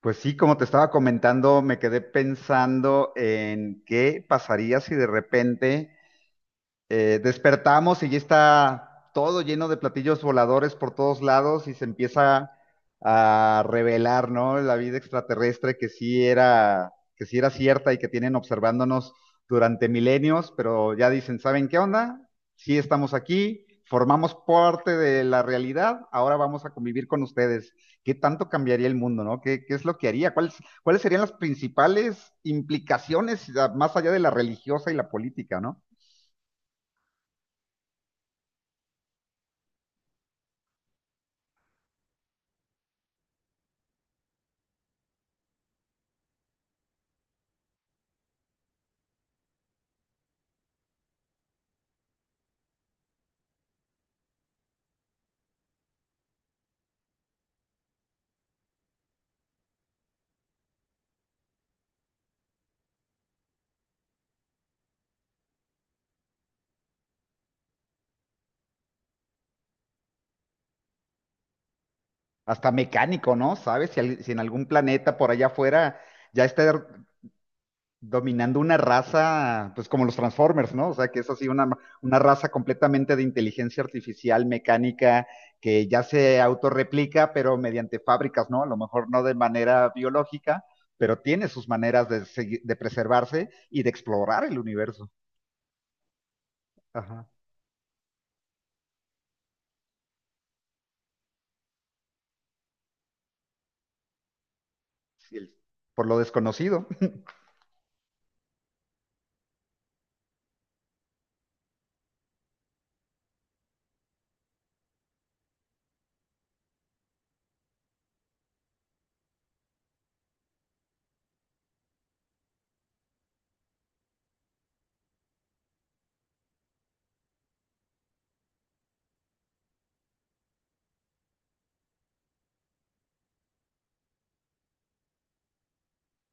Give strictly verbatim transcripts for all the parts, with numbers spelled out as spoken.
Pues sí, como te estaba comentando, me quedé pensando en qué pasaría si de repente eh, despertamos y ya está todo lleno de platillos voladores por todos lados y se empieza a revelar, ¿no? La vida extraterrestre que sí era, que sí era cierta y que tienen observándonos durante milenios, pero ya dicen, ¿saben qué onda? Sí estamos aquí, formamos parte de la realidad, ahora vamos a convivir con ustedes. ¿Qué tanto cambiaría el mundo, no? ¿Qué, qué es lo que haría? ¿Cuáles, cuáles serían las principales implicaciones a- más allá de la religiosa y la política, no? Hasta mecánico, ¿no? ¿Sabes? Si, al- si en algún planeta por allá afuera ya está dominando una raza, pues como los Transformers, ¿no? O sea, que es así una, una raza completamente de inteligencia artificial, mecánica, que ya se autorreplica, pero mediante fábricas, ¿no? A lo mejor no de manera biológica, pero tiene sus maneras de, segui- de preservarse y de explorar el universo. Ajá. Sí, el- por lo desconocido.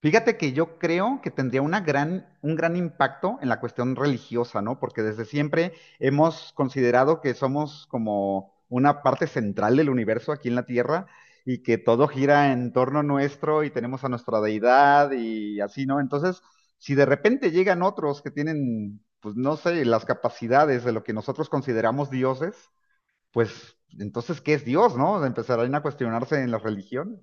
Fíjate que yo creo que tendría una gran, un gran impacto en la cuestión religiosa, ¿no? Porque desde siempre hemos considerado que somos como una parte central del universo aquí en la Tierra y que todo gira en torno nuestro y tenemos a nuestra deidad y así, ¿no? Entonces, si de repente llegan otros que tienen, pues no sé, las capacidades de lo que nosotros consideramos dioses, pues entonces, ¿qué es Dios, no? Empezarán a cuestionarse en la religión.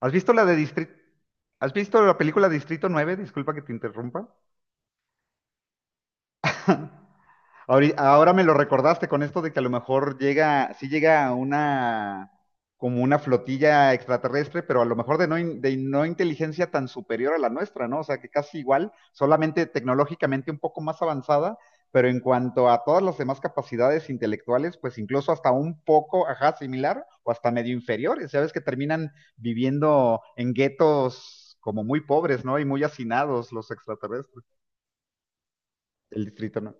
¿Has visto la de Distrito? ¿Has visto la película Distrito nueve? Disculpa que te interrumpa. Ahori- Ahora me lo recordaste con esto de que a lo mejor llega, sí llega una, como una flotilla extraterrestre, pero a lo mejor de no, in- de no inteligencia tan superior a la nuestra, ¿no? O sea, que casi igual, solamente tecnológicamente un poco más avanzada, pero en cuanto a todas las demás capacidades intelectuales, pues incluso hasta un poco, ajá, similar o hasta medio inferiores. Ya ves que terminan viviendo en guetos como muy pobres, ¿no? Y muy hacinados los extraterrestres, el distrito, ¿no?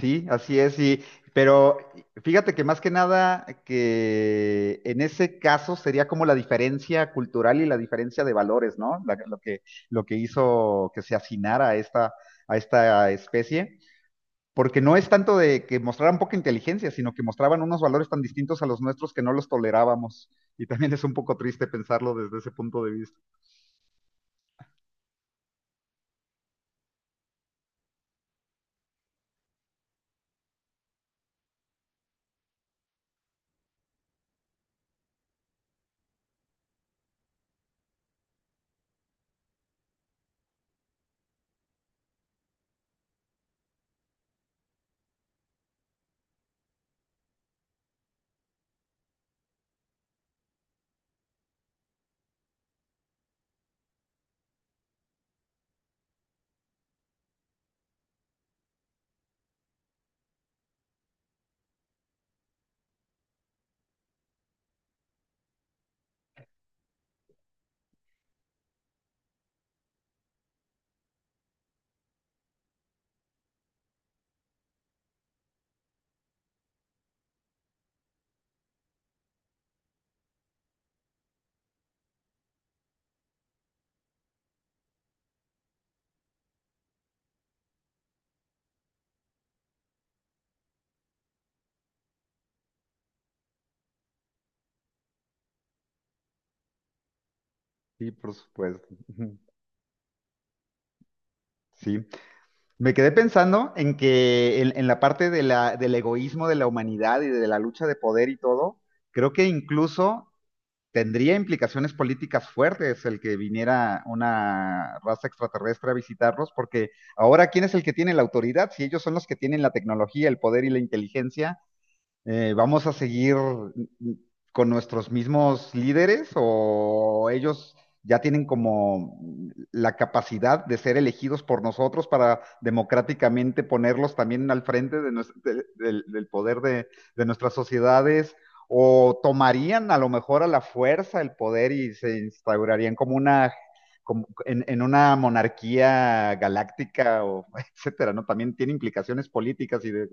Sí, así es, y, pero fíjate que más que nada que en ese caso sería como la diferencia cultural y la diferencia de valores, ¿no? La- lo que, lo que, hizo que se hacinara a esta, a esta especie, porque no es tanto de que mostraran poca inteligencia, sino que mostraban unos valores tan distintos a los nuestros que no los tolerábamos. Y también es un poco triste pensarlo desde ese punto de vista. Sí, por supuesto. Sí. Me quedé pensando en que en, en la parte de la- del egoísmo de la humanidad y de la lucha de poder y todo, creo que incluso tendría implicaciones políticas fuertes el que viniera una raza extraterrestre a visitarlos, porque ahora, ¿quién es el que tiene la autoridad? Si ellos son los que tienen la tecnología, el poder y la inteligencia, eh, ¿vamos a seguir con nuestros mismos líderes o ellos ya tienen como la capacidad de ser elegidos por nosotros para democráticamente ponerlos también al frente de nues- de- del, del poder de, de nuestras sociedades? ¿O tomarían a lo mejor a la fuerza el poder y se instaurarían como una... como en, en una monarquía galáctica o etcétera, ¿no? También tiene implicaciones políticas y de,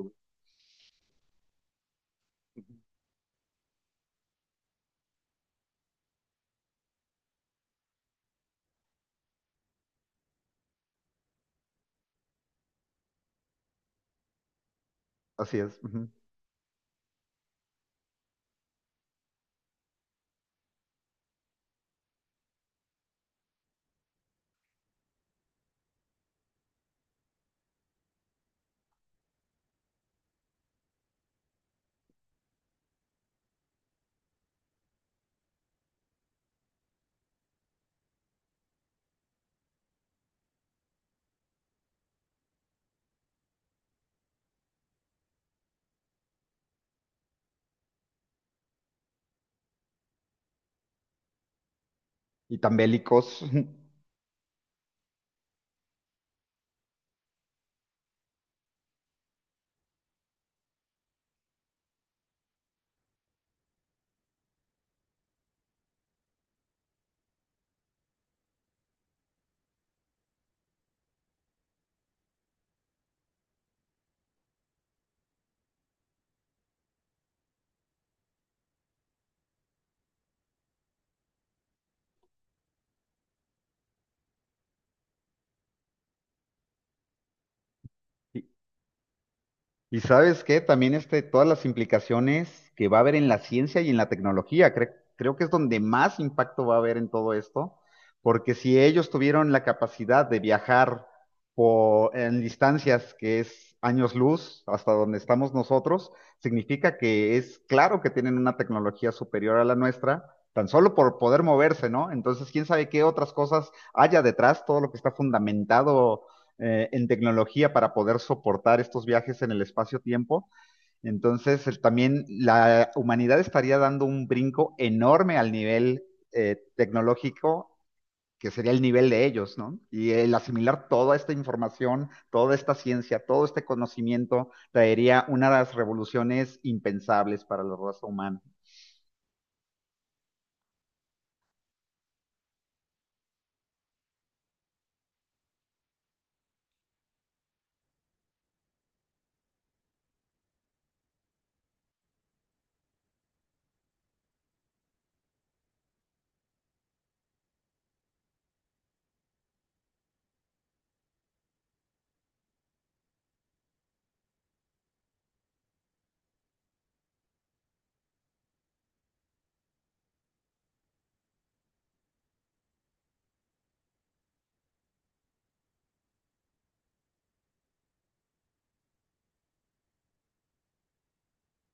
así es. Ujú. Y tan bélicos. Y, y ¿sabes qué? También este, todas las implicaciones que va a haber en la ciencia y en la tecnología, cre- creo que es donde más impacto va a haber en todo esto, porque si ellos tuvieron la capacidad de viajar por, en distancias que es años luz hasta donde estamos nosotros, significa que es claro que tienen una tecnología superior a la nuestra. Tan solo por poder moverse, ¿no? Entonces, quién sabe qué otras cosas haya detrás, todo lo que está fundamentado eh, en tecnología para poder soportar estos viajes en el espacio-tiempo. Entonces, el- también la humanidad estaría dando un brinco enorme al nivel eh, tecnológico, que sería el nivel de ellos, ¿no? Y el asimilar toda esta información, toda esta ciencia, todo este conocimiento, traería una de las revoluciones impensables para la raza humana.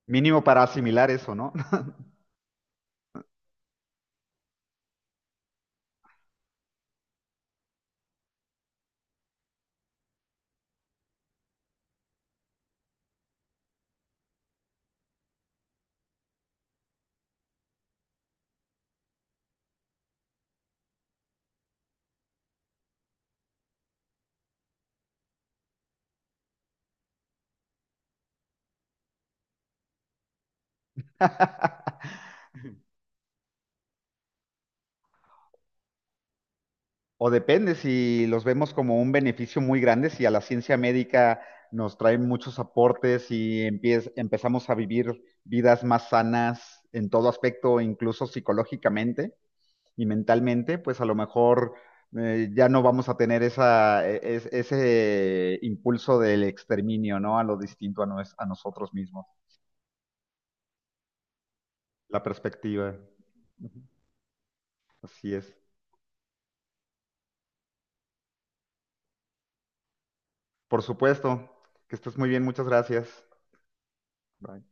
Mínimo para asimilar eso, ¿no? O depende si los vemos como un beneficio muy grande, si a la ciencia médica nos traen muchos aportes y empie- empezamos a vivir vidas más sanas en todo aspecto, incluso psicológicamente y mentalmente, pues a lo mejor eh, ya no vamos a tener esa, e- es- ese impulso del exterminio, ¿no? A lo distinto a, nos- a nosotros mismos, la perspectiva. Ujú. Así es. Por supuesto, que estés muy bien, muchas gracias. Bye.